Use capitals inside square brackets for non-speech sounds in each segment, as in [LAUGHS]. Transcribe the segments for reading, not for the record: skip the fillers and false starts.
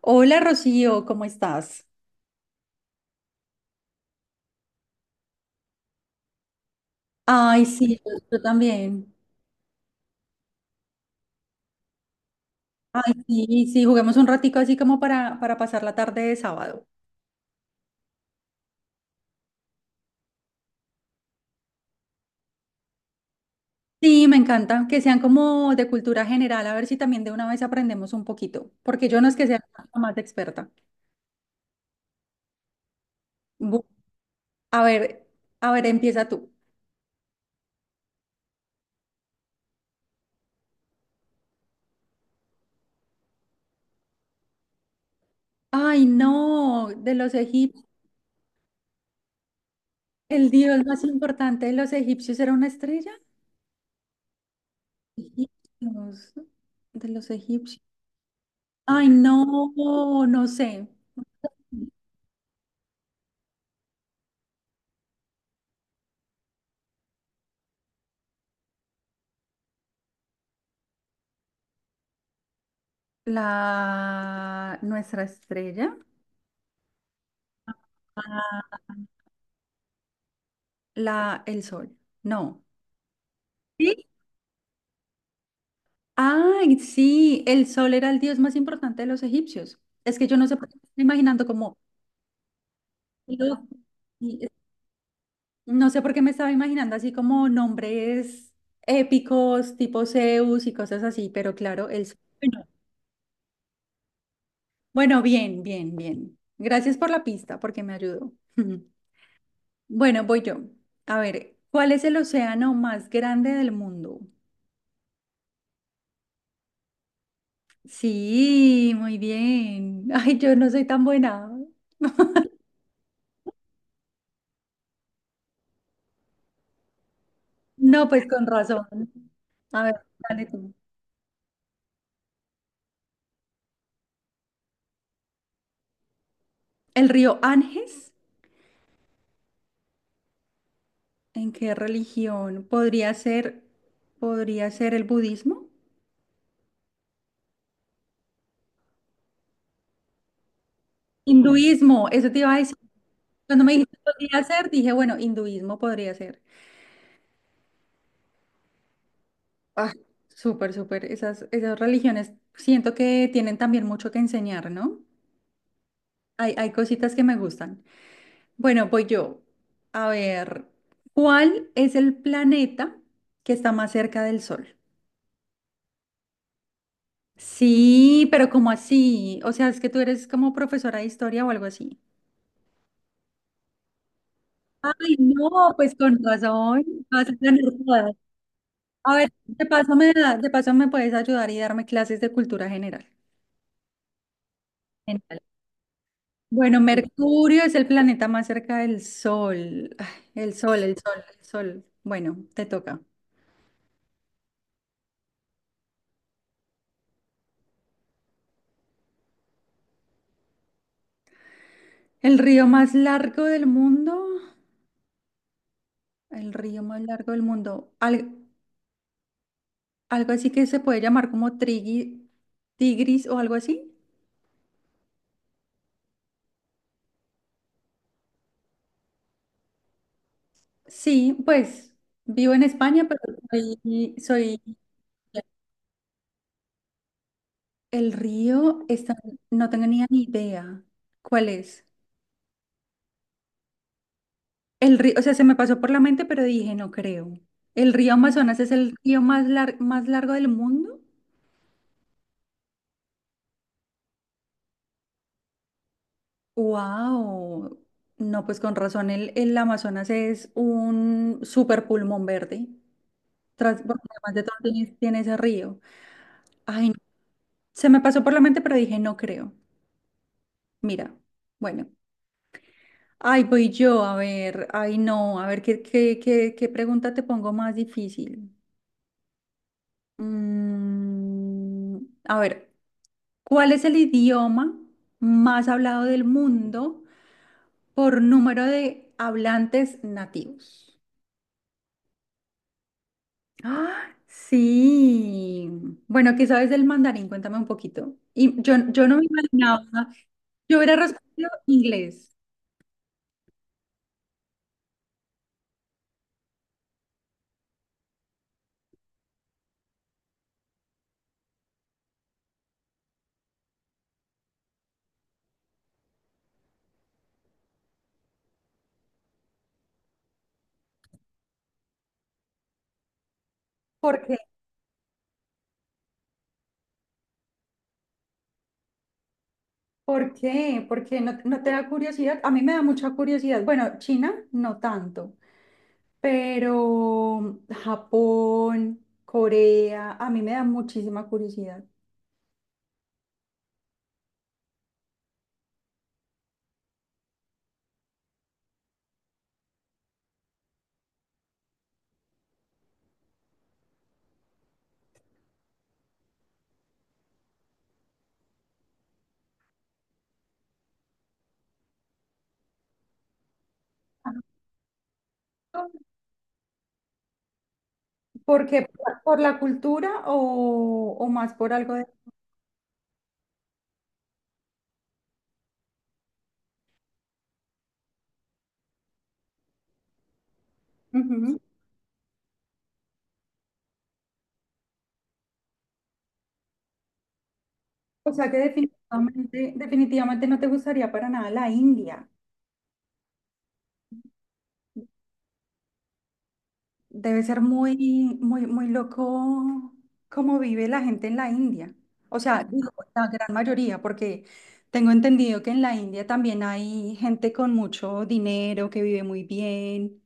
Hola Rocío, ¿cómo estás? Ay, sí, yo también. Ay, sí, sí, juguemos un ratico así como para pasar la tarde de sábado. Sí, me encanta, que sean como de cultura general, a ver si también de una vez aprendemos un poquito, porque yo no es que sea la más experta. Bu- a ver, a ver, empieza tú. Ay, no, de los egipcios, el dios más importante de los egipcios era una estrella. Egipcios, de los egipcios. Ay, no, no sé. La nuestra estrella, ah, la el sol. No. ¿Sí? Ay, sí, el sol era el dios más importante de los egipcios. Es que yo no sé por qué me estaba imaginando como lo- y- no sé por qué me estaba imaginando así como nombres épicos, tipo Zeus y cosas así, pero claro, el sol. Bueno, bueno, bien, bien, bien. Gracias por la pista porque me ayudó. [LAUGHS] Bueno, voy yo. A ver, ¿cuál es el océano más grande del mundo? Sí, muy bien. [LAUGHS] Ay, yo no soy tan buena. No, pues con razón. A ver, dale tú. El río Ganges, ¿en qué religión? ¿Podría ser el budismo? Hinduismo, eso te iba a decir. Cuando me dijiste podría ser, dije, bueno, hinduismo podría ser. Ah, súper, súper. Esas, esas religiones siento que tienen también mucho que enseñar, ¿no? Hay cositas que me gustan. Bueno, voy yo. A ver, ¿cuál es el planeta que está más cerca del Sol? Sí, pero ¿cómo así? O sea, es que tú eres como profesora de historia o algo así. Ay, no, pues con razón, vas a ganar todas. A ver, de paso me puedes ayudar y darme clases de cultura general. Genial. Bueno, Mercurio es el planeta más cerca del Sol. Ay, el Sol, el Sol, el Sol. Bueno, te toca. ¿El río más largo del mundo? El río más largo del mundo. Algo así que se puede llamar como Tigris o algo así. Sí, pues vivo en España, pero soy... El río está... no tenía ni idea cuál es. El río, o sea, se me pasó por la mente, pero dije, no creo. ¿El río Amazonas es el río más, lar- ¿más largo del mundo? ¡Wow! No, pues con razón, el Amazonas es un super pulmón verde. Porque además de todo tiene, tiene ese río. Ay, no. Se me pasó por la mente, pero dije, no creo. Mira, bueno. Ay, voy yo, a ver, ay, no, a ver, ¿qué pregunta te pongo más difícil? Mm, a ver, ¿cuál es el idioma más hablado del mundo por número de hablantes nativos? Ah, sí. Bueno, ¿qué sabes del mandarín? Cuéntame un poquito. Y yo no me imaginaba, yo hubiera respondido inglés. ¿Por qué? ¿Por qué? ¿Por qué? ¿No, no te da curiosidad? A mí me da mucha curiosidad. Bueno, China no tanto, pero Japón, Corea, a mí me da muchísima curiosidad. ¿Por qué? Por la cultura o más por algo de... Ujú. O sea que definitivamente, definitivamente no te gustaría para nada la India. Debe ser muy, muy, muy loco cómo vive la gente en la India. O sea, digo, la gran mayoría, porque tengo entendido que en la India también hay gente con mucho dinero que vive muy bien.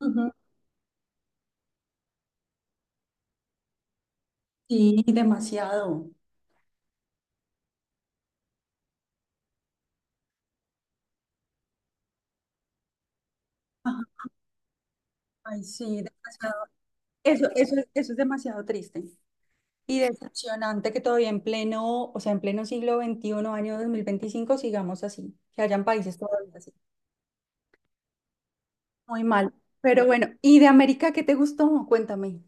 Ujú. Sí, demasiado. Ajá, ay, sí, demasiado. Eso es demasiado triste y decepcionante que todavía en pleno, o sea, en pleno siglo XXI, año 2025, sigamos así, que hayan países todavía así. Muy mal. Pero bueno, ¿y de América qué te gustó? Cuéntame.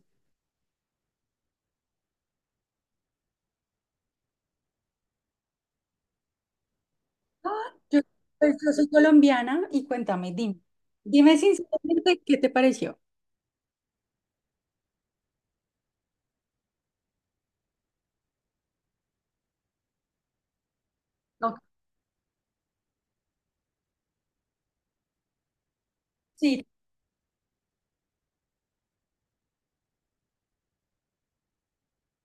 Ah, yo, pues, yo soy colombiana y cuéntame, dime. Dime sinceramente qué te pareció. No, sí,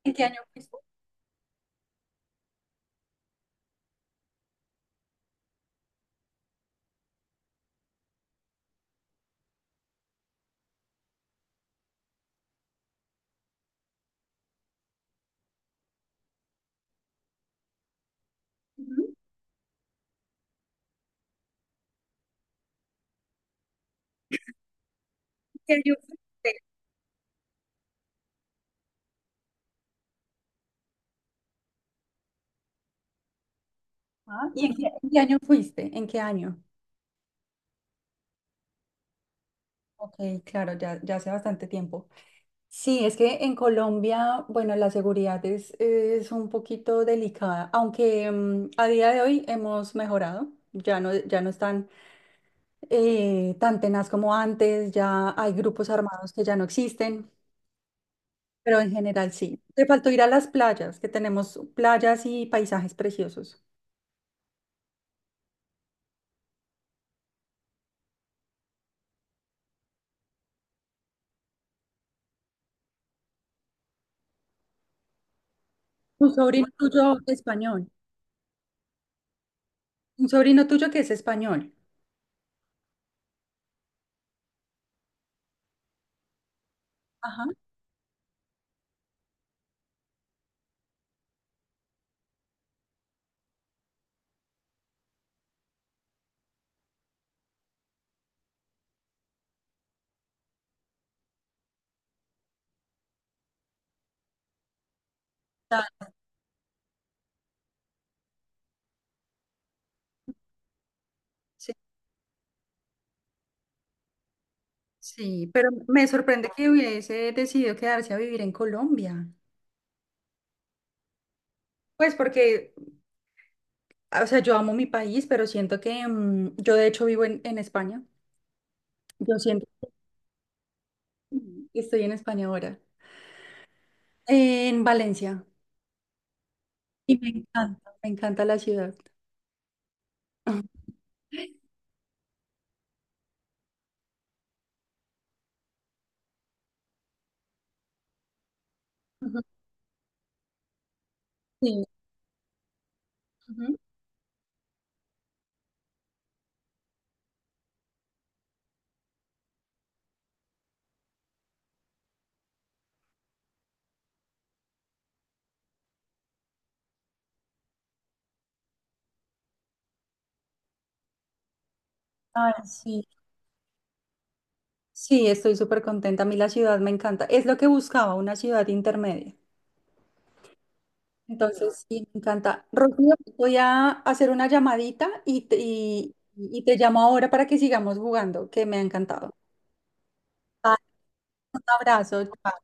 ¿en qué año fuiste? Ujú. ¿Qué año fuiste? Ah, ¿en qué año fuiste? ¿En qué año? Ok, claro, ya, ya hace bastante tiempo. Sí, es que en Colombia, bueno, la seguridad es un poquito delicada, aunque a día de hoy hemos mejorado, ya no, ya no están tan tenaz como antes, ya hay grupos armados que ya no existen, pero en general sí. Te faltó ir a las playas, que tenemos playas y paisajes preciosos. Un sobrino tuyo español, un sobrino tuyo que es español. Ajá. Ya, sí, sí, pero me sorprende que hubiese decidido quedarse a vivir en Colombia. Pues porque, o sea, yo amo mi país, pero siento que yo de hecho vivo en España. Yo siento que estoy en España ahora, en Valencia. Y me encanta la ciudad. [LAUGHS] Sí, ay, sí, sí, estoy súper contenta. A mí la ciudad me encanta. Es lo que buscaba, una ciudad intermedia. Entonces, sí, me encanta. Rocío, voy a hacer una llamadita y y te llamo ahora para que sigamos jugando, que me ha encantado. Vale, un abrazo. Chao.